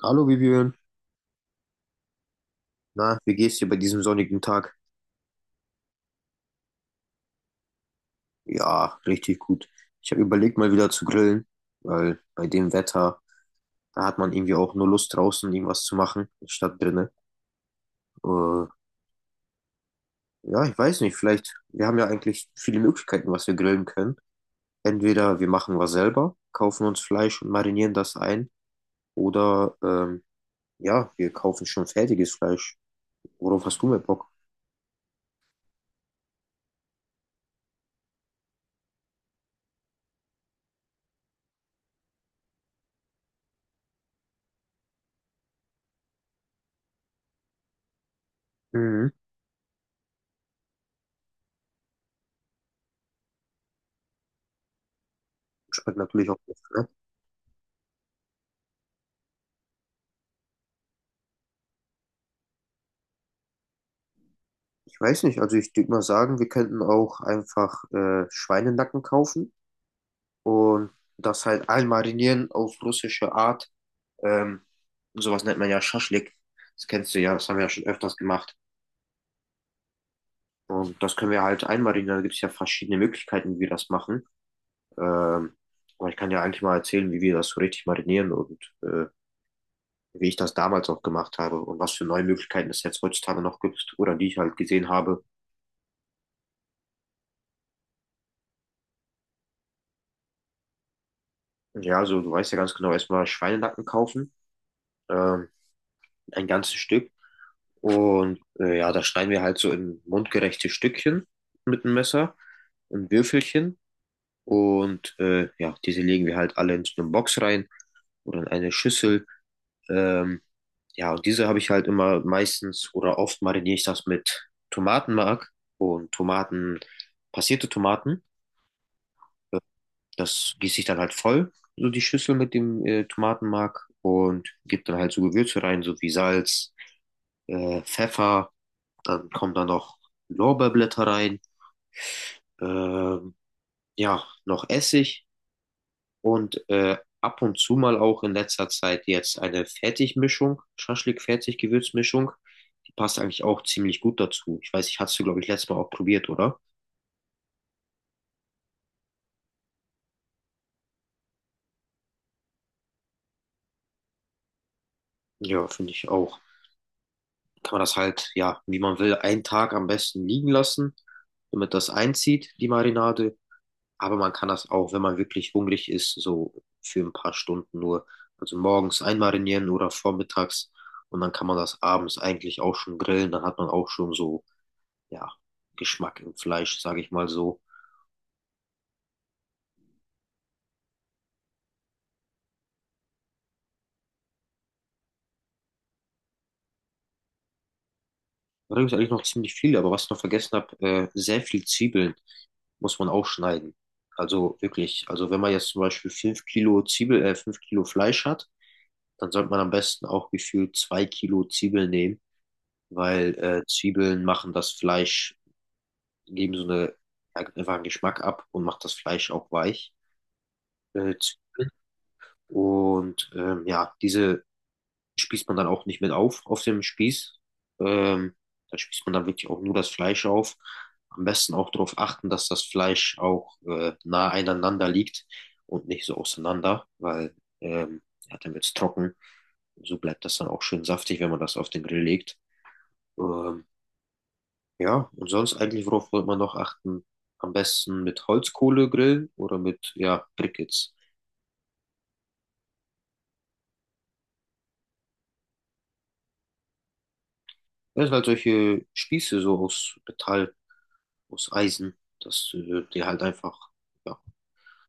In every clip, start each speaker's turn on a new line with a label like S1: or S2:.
S1: Hallo Vivian, na, wie geht's dir bei diesem sonnigen Tag? Ja, richtig gut. Ich habe überlegt, mal wieder zu grillen, weil bei dem Wetter, da hat man irgendwie auch nur Lust draußen irgendwas zu machen, statt drinnen. Äh, ja, ich weiß nicht, vielleicht, wir haben ja eigentlich viele Möglichkeiten, was wir grillen können. Entweder wir machen was selber, kaufen uns Fleisch und marinieren das ein, oder ja, wir kaufen schon fertiges Fleisch. Worauf hast du mehr Bock? Mhm. Schmeckt natürlich auch gut, ne? Ich weiß nicht, also ich würde mal sagen, wir könnten auch einfach Schweinenacken kaufen und das halt einmarinieren auf russische Art. Ähm, sowas nennt man ja Schaschlik. Das kennst du ja, das haben wir ja schon öfters gemacht. Und das können wir halt einmarinieren. Da gibt es ja verschiedene Möglichkeiten, wie wir das machen. Ähm, aber ich kann ja eigentlich mal erzählen, wie wir das so richtig marinieren und wie ich das damals auch gemacht habe und was für neue Möglichkeiten es jetzt heutzutage noch gibt oder die ich halt gesehen habe. Ja, also du weißt ja ganz genau, erstmal Schweinenacken kaufen. Ähm, ein ganzes Stück. Und ja, da schneiden wir halt so in mundgerechte Stückchen mit dem Messer, in Würfelchen. Und ja, diese legen wir halt alle in so eine Box rein oder in eine Schüssel. Ähm, ja, und diese habe ich halt immer meistens oder oft mariniere ich das mit Tomatenmark und Tomaten, passierte Tomaten. äh, Das gieße ich dann halt voll, so die Schüssel mit dem Tomatenmark und gebe dann halt so Gewürze rein, so wie Salz, Pfeffer. Dann kommen da noch Lorbeerblätter rein, ähm, ja, noch Essig und ab und zu mal auch in letzter Zeit jetzt eine Fertigmischung, Schaschlik-Fertig-Gewürzmischung. Die passt eigentlich auch ziemlich gut dazu. Ich weiß, ich hast du glaube ich, letztes Mal auch probiert, oder? Ja, finde ich auch. Kann man das halt, ja, wie man will, einen Tag am besten liegen lassen, damit das einzieht, die Marinade. Aber man kann das auch, wenn man wirklich hungrig ist, so für ein paar Stunden nur, also morgens einmarinieren oder vormittags und dann kann man das abends eigentlich auch schon grillen. Dann hat man auch schon so, ja, Geschmack im Fleisch, sage ich mal so. Da gibt es eigentlich noch ziemlich viel, aber was ich noch vergessen habe, sehr viel Zwiebeln muss man auch schneiden. Also wirklich, also wenn man jetzt zum Beispiel 5 Kilo Zwiebel, 5 Kilo Fleisch hat, dann sollte man am besten auch gefühlt 2 Kilo Zwiebeln nehmen, weil Zwiebeln machen das Fleisch geben so eine, einfach einen Geschmack ab und macht das Fleisch auch weich. Äh, Und diese spießt man dann auch nicht mit auf dem Spieß. Ähm, da spießt man dann wirklich auch nur das Fleisch auf. Am besten auch darauf achten, dass das Fleisch auch nah einander liegt und nicht so auseinander, weil ähm, ja, dann wird es trocken. So bleibt das dann auch schön saftig, wenn man das auf den Grill legt. Ähm, Ja, und sonst eigentlich, worauf wollte man noch achten? Am besten mit Holzkohle grillen oder mit, ja, Briquettes. Das sind halt solche Spieße so aus Metall, aus Eisen, dass die halt einfach, ja.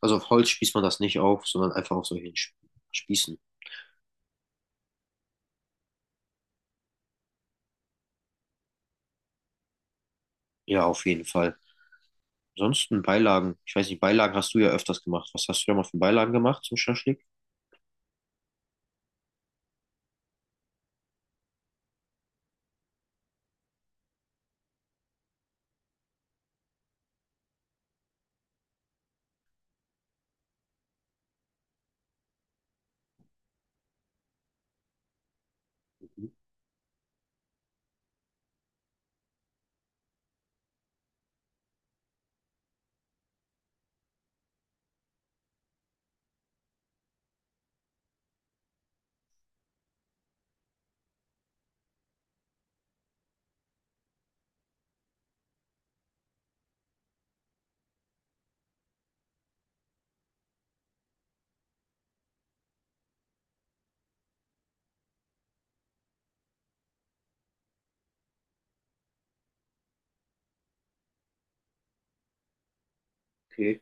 S1: Also auf Holz spießt man das nicht auf, sondern einfach auf solchen Spießen. Ja, auf jeden Fall. Ansonsten Beilagen. Ich weiß nicht, Beilagen hast du ja öfters gemacht. Was hast du da mal für Beilagen gemacht zum Schaschlik? Okay.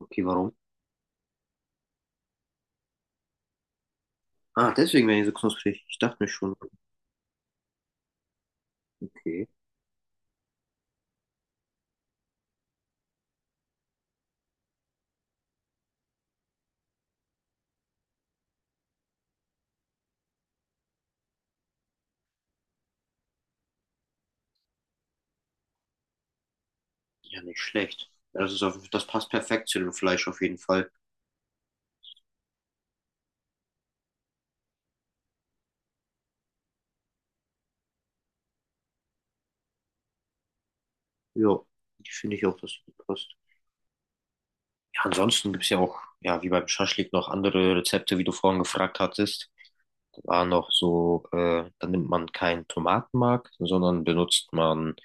S1: Okay, warum? Ah, deswegen werden die so knusprig. Ich dachte mir schon, okay. Ja, nicht schlecht. Ja, das passt perfekt zu dem Fleisch auf jeden Fall. Ja, die finde ich auch, dass die gut passt. Ja, ansonsten gibt es ja auch, ja, wie beim Schaschlik noch andere Rezepte, wie du vorhin gefragt hattest. Da war noch so, da nimmt man keinen Tomatenmark, sondern benutzt man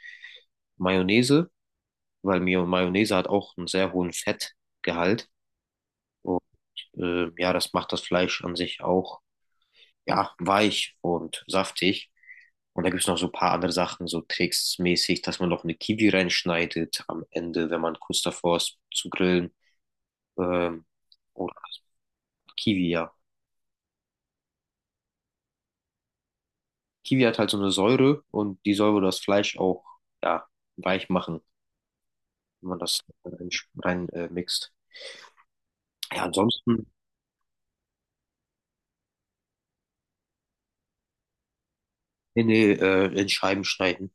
S1: Mayonnaise, weil Mayonnaise hat auch einen sehr hohen Fettgehalt. Und ja, das macht das Fleisch an sich auch, ja, weich und saftig. Und da gibt es noch so ein paar andere Sachen, so tricksmäßig, dass man noch eine Kiwi reinschneidet am Ende, wenn man kurz davor ist zu grillen. Ähm, oder halt Kiwi, ja. Kiwi hat halt so eine Säure und die soll wohl das Fleisch auch, ja, weich machen, wenn man das rein mixt. Ja, ansonsten in Scheiben schneiden,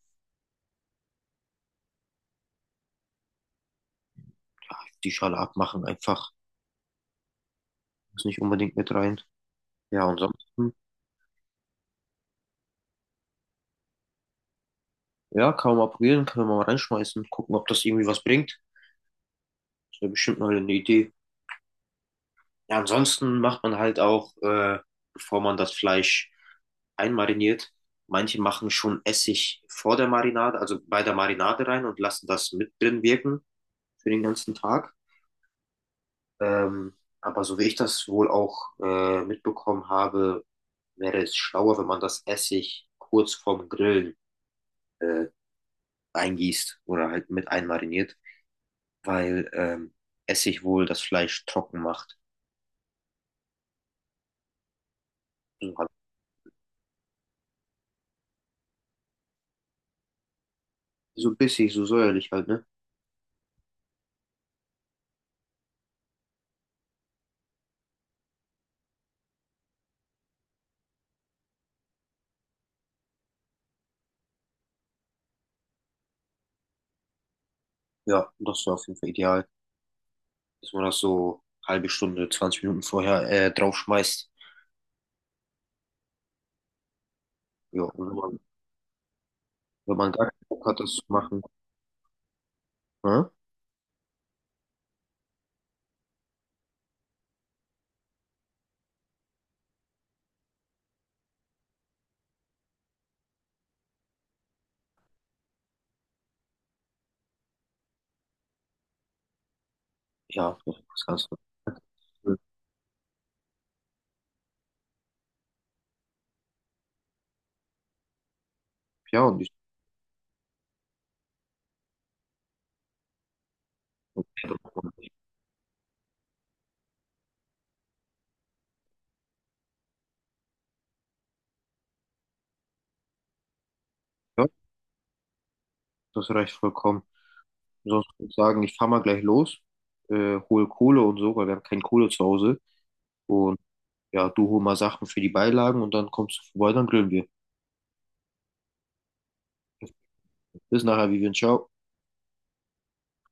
S1: die Schale abmachen einfach. Muss nicht unbedingt mit rein. Ja, ansonsten, ja, kann man mal probieren, kann man mal reinschmeißen, gucken, ob das irgendwie was bringt. Ist ja bestimmt mal eine Idee. Ja, ansonsten macht man halt auch, bevor man das Fleisch einmariniert, manche machen schon Essig vor der Marinade, also bei der Marinade rein und lassen das mit drin wirken für den ganzen Tag. Ähm, aber so wie ich das wohl auch mitbekommen habe, wäre es schlauer, wenn man das Essig kurz vorm Grillen äh, eingießt oder halt mit einmariniert, weil Essig wohl das Fleisch trocken macht. So halt- so bissig, so säuerlich halt, ne? Ja, das wäre auf jeden Fall ideal, dass man das so halbe Stunde, 20 Minuten vorher draufschmeißt. Ja, und wenn man gar keinen Bock hat, das zu machen, ne? Ja, das ist ganz normal. Ja, und ich, ja, das reicht vollkommen. Sonst würde ich sagen, ich fahr mal gleich los, hol Kohle und so, weil wir haben keine Kohle zu Hause. Und ja, du hol mal Sachen für die Beilagen und dann kommst du vorbei, dann grillen wir. Bis nachher, Vivian, ciao.